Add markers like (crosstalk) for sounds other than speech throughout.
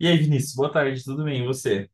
E aí, Vinícius, boa tarde, tudo bem? E você?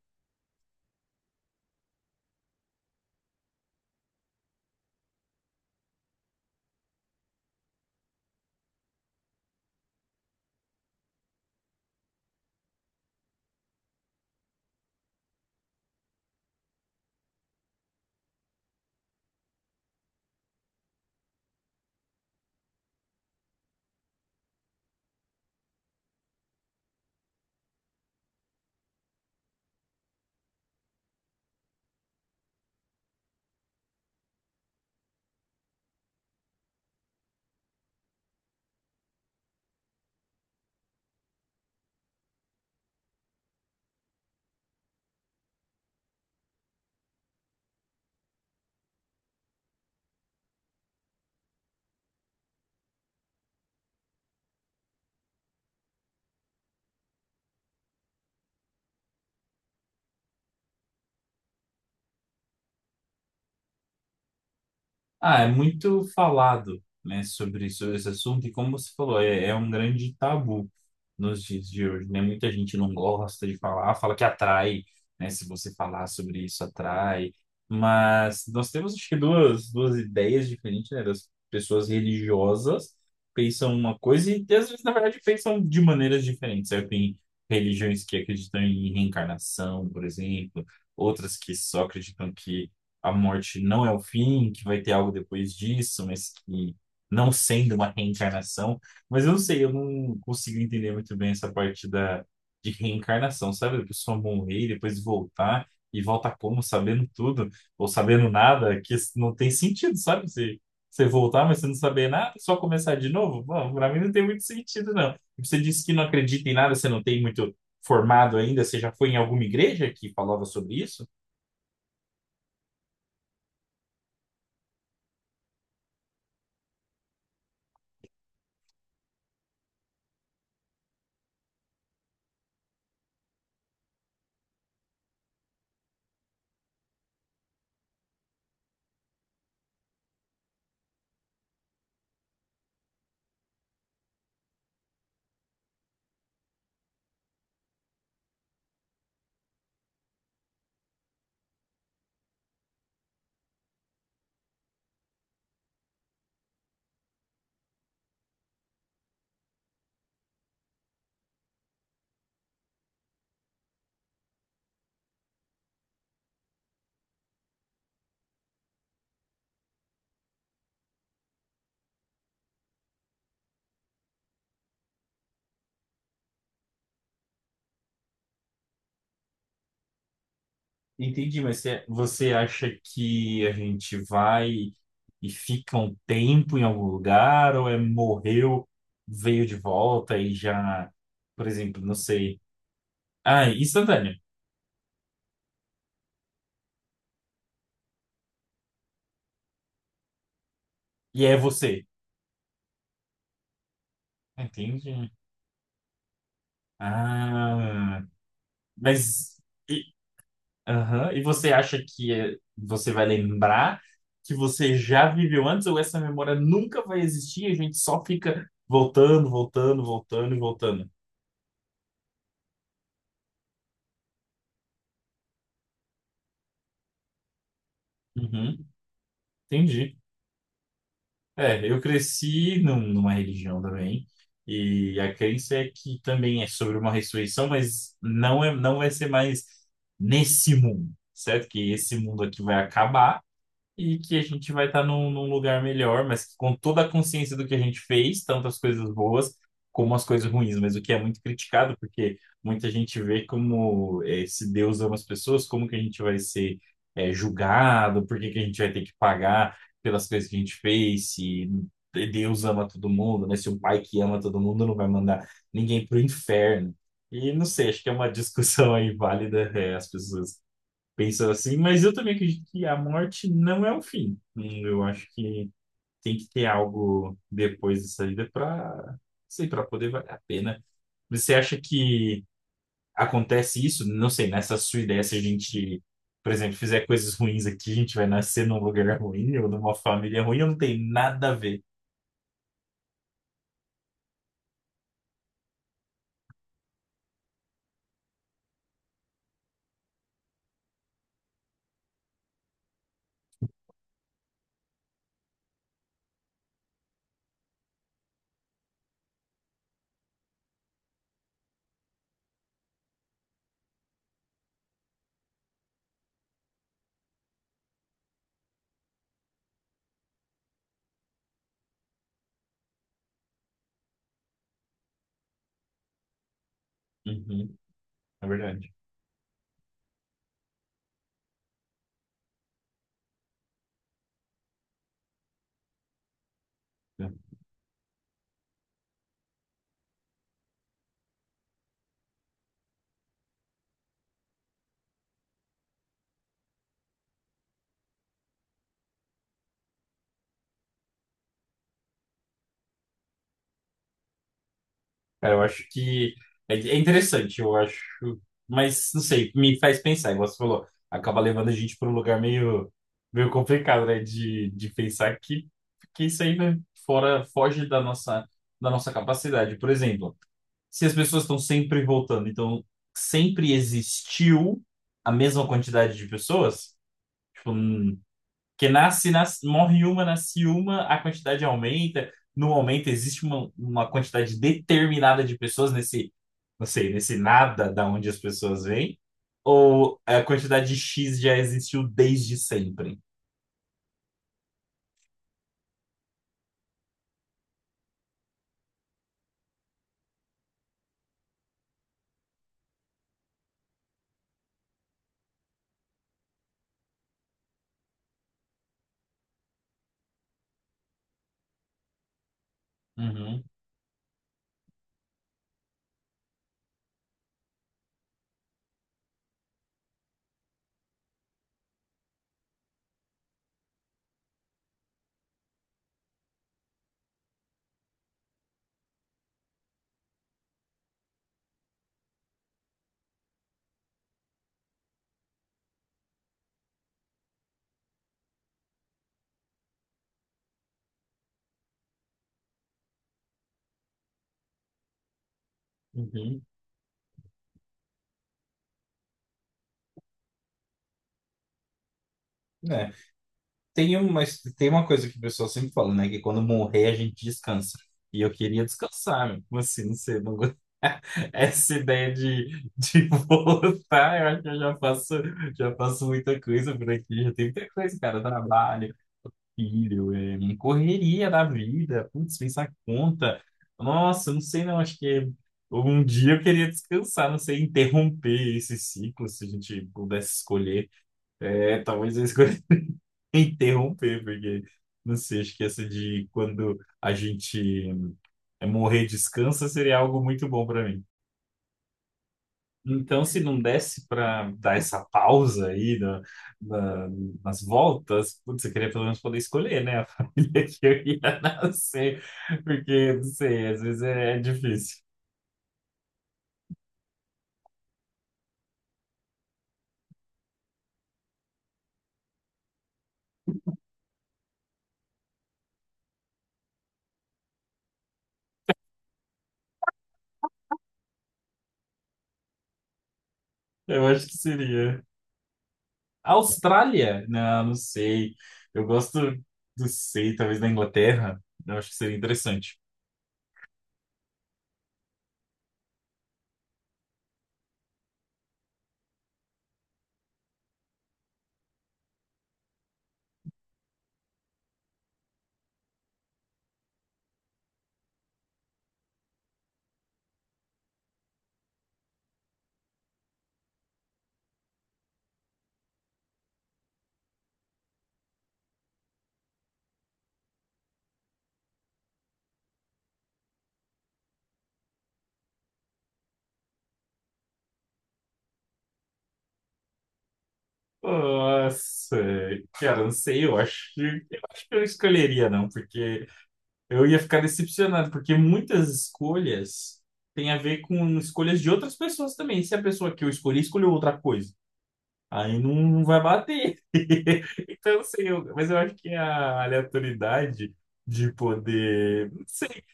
Ah, é muito falado, né, sobre esse assunto, e como você falou, é um grande tabu nos dias de hoje, né? Muita gente não gosta de falar, fala que atrai, né? Se você falar sobre isso, atrai. Mas nós temos, acho que, duas ideias diferentes, né? Das pessoas religiosas pensam uma coisa e, às vezes, na verdade, pensam de maneiras diferentes, certo? Tem religiões que acreditam em reencarnação, por exemplo, outras que só acreditam que a morte não é o fim, que vai ter algo depois disso, mas que não sendo uma reencarnação. Mas eu não sei, eu não consigo entender muito bem essa parte da, de reencarnação, sabe? A pessoa morrer e depois voltar, e volta como? Sabendo tudo, ou sabendo nada, que isso não tem sentido, sabe? Você voltar, mas você não saber nada, só começar de novo? Bom, pra mim não tem muito sentido, não. E você disse que não acredita em nada, você não tem muito formado ainda, você já foi em alguma igreja que falava sobre isso? Entendi, mas você acha que a gente vai e fica um tempo em algum lugar, ou é morreu, veio de volta e já, por exemplo, não sei. Ah, instantânea. E é você. Entendi. Ah, mas. E, aham, e você acha que você vai lembrar que você já viveu antes, ou essa memória nunca vai existir e a gente só fica voltando, voltando, voltando e voltando? Uhum, entendi. É, eu cresci numa religião também, e a crença é que também é sobre uma ressurreição, mas não é, não vai ser mais nesse mundo, certo? Que esse mundo aqui vai acabar e que a gente vai estar num, num lugar melhor, mas com toda a consciência do que a gente fez, tanto as coisas boas como as coisas ruins, mas o que é muito criticado, porque muita gente vê como se Deus ama as pessoas, como que a gente vai ser julgado, por que que a gente vai ter que pagar pelas coisas que a gente fez, se Deus ama todo mundo, né? Se o pai que ama todo mundo não vai mandar ninguém pro inferno. E não sei, acho que é uma (laughs) discussão aí válida, as pessoas pensando assim, mas eu também acredito que a morte não é o fim. Eu acho que tem que ter algo depois dessa vida para, sei, para poder valer a pena. Você acha que acontece isso? Não sei, nessa sua ideia, se a gente, por exemplo, fizer coisas ruins aqui, a gente vai nascer num lugar ruim ou numa família ruim, ou não tem nada a ver. Uhum, é verdade. Cara, eu acho que é interessante, eu acho. Mas, não sei, me faz pensar, igual você falou, acaba levando a gente para um lugar meio, meio complicado, né? De pensar que isso aí vai fora, foge da nossa capacidade. Por exemplo, se as pessoas estão sempre voltando, então sempre existiu a mesma quantidade de pessoas, tipo, que nasce, nasce, morre uma, nasce uma, a quantidade aumenta. No aumento, existe uma quantidade determinada de pessoas nesse, não sei, nesse nada da onde as pessoas vêm. Ou a quantidade X já existiu desde sempre? Uhum, uhum. É. Tem uma, tem uma coisa que o pessoal sempre fala, né? Que quando morrer a gente descansa. E eu queria descansar, meu. Como assim? Não sei. Não... go- (laughs) Essa ideia de (laughs) voltar, eu acho que eu já faço muita coisa por aqui. Já tem muita coisa, cara. Trabalho, filho, é, correria da vida. Putz, pensar conta. Nossa, não sei não. Acho que um dia eu queria descansar. Não sei, interromper esse ciclo, se a gente pudesse escolher. É, talvez eu escolha (laughs) interromper, porque não sei, acho que essa de quando a gente é, morrer descansa seria algo muito bom para mim. Então, se não desse para dar essa pausa aí na- nas voltas, putz, eu queria pelo menos poder escolher, né, a (laughs) família que eu ia nascer, porque, não sei, às vezes é difícil. Eu acho que seria. Austrália? Não, não sei. Eu gosto, não sei, talvez da Inglaterra. Eu acho que seria interessante. Nossa, cara, não sei, eu acho que eu não escolheria, não, porque eu ia ficar decepcionado, porque muitas escolhas têm a ver com escolhas de outras pessoas também. Se a pessoa que eu escolhi escolheu outra coisa, aí não, não vai bater. (laughs) Então, eu não sei, mas eu acho que a aleatoriedade de poder, não sei.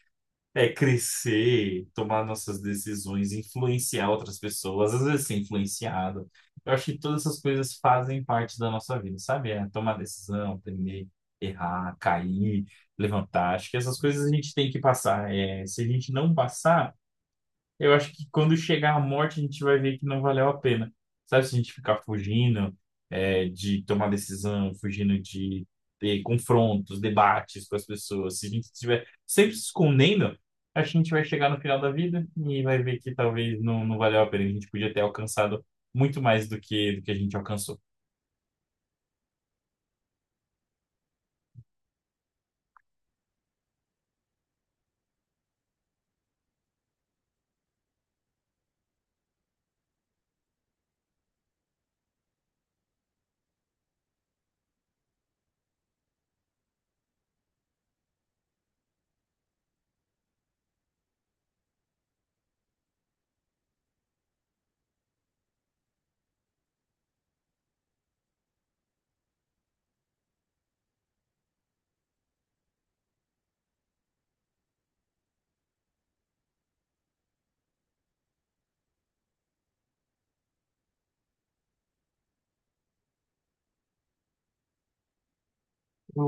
É crescer, tomar nossas decisões, influenciar outras pessoas, às vezes ser influenciado. Eu acho que todas essas coisas fazem parte da nossa vida, sabe? É tomar decisão, aprender, errar, cair, levantar. Acho que essas coisas a gente tem que passar. É, se a gente não passar, eu acho que quando chegar a morte, a gente vai ver que não valeu a pena. Sabe, se a gente ficar fugindo, é, de tomar decisão, fugindo de ter confrontos, debates com as pessoas, se a gente estiver sempre se escondendo, acho que a gente vai chegar no final da vida e vai ver que talvez não, não valeu a pena. A gente podia ter alcançado muito mais do que a gente alcançou. Eu,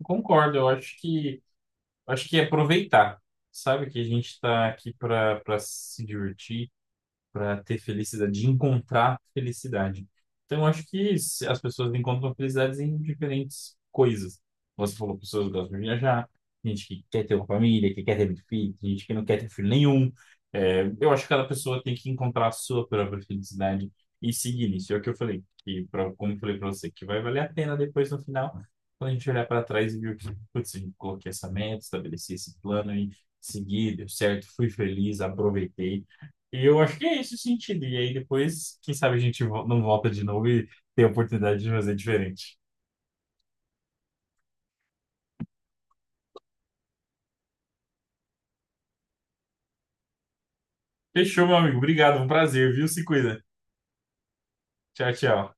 eu concordo, eu acho que é aproveitar. Sabe que a gente está aqui para para se divertir para ter felicidade, de encontrar felicidade. Então, eu acho que as pessoas encontram felicidades em diferentes coisas. Você falou, pessoas que gostam de viajar, gente que quer ter uma família, que quer ter muito filho, tem gente que não quer ter filho nenhum. É, eu acho que cada pessoa tem que encontrar a sua própria felicidade e seguir nisso. É o que eu falei, que pra, como eu falei para você, que vai valer a pena depois no final, quando a gente olhar para trás e ver que, putz, eu coloquei essa meta, estabeleci esse plano e segui, deu certo, fui feliz, aproveitei. E eu acho que é esse o sentido. E aí depois, quem sabe a gente não volta de novo e tem a oportunidade de fazer diferente. Fechou, meu amigo. Obrigado, foi um prazer, viu? Se cuida. Tchau, tchau.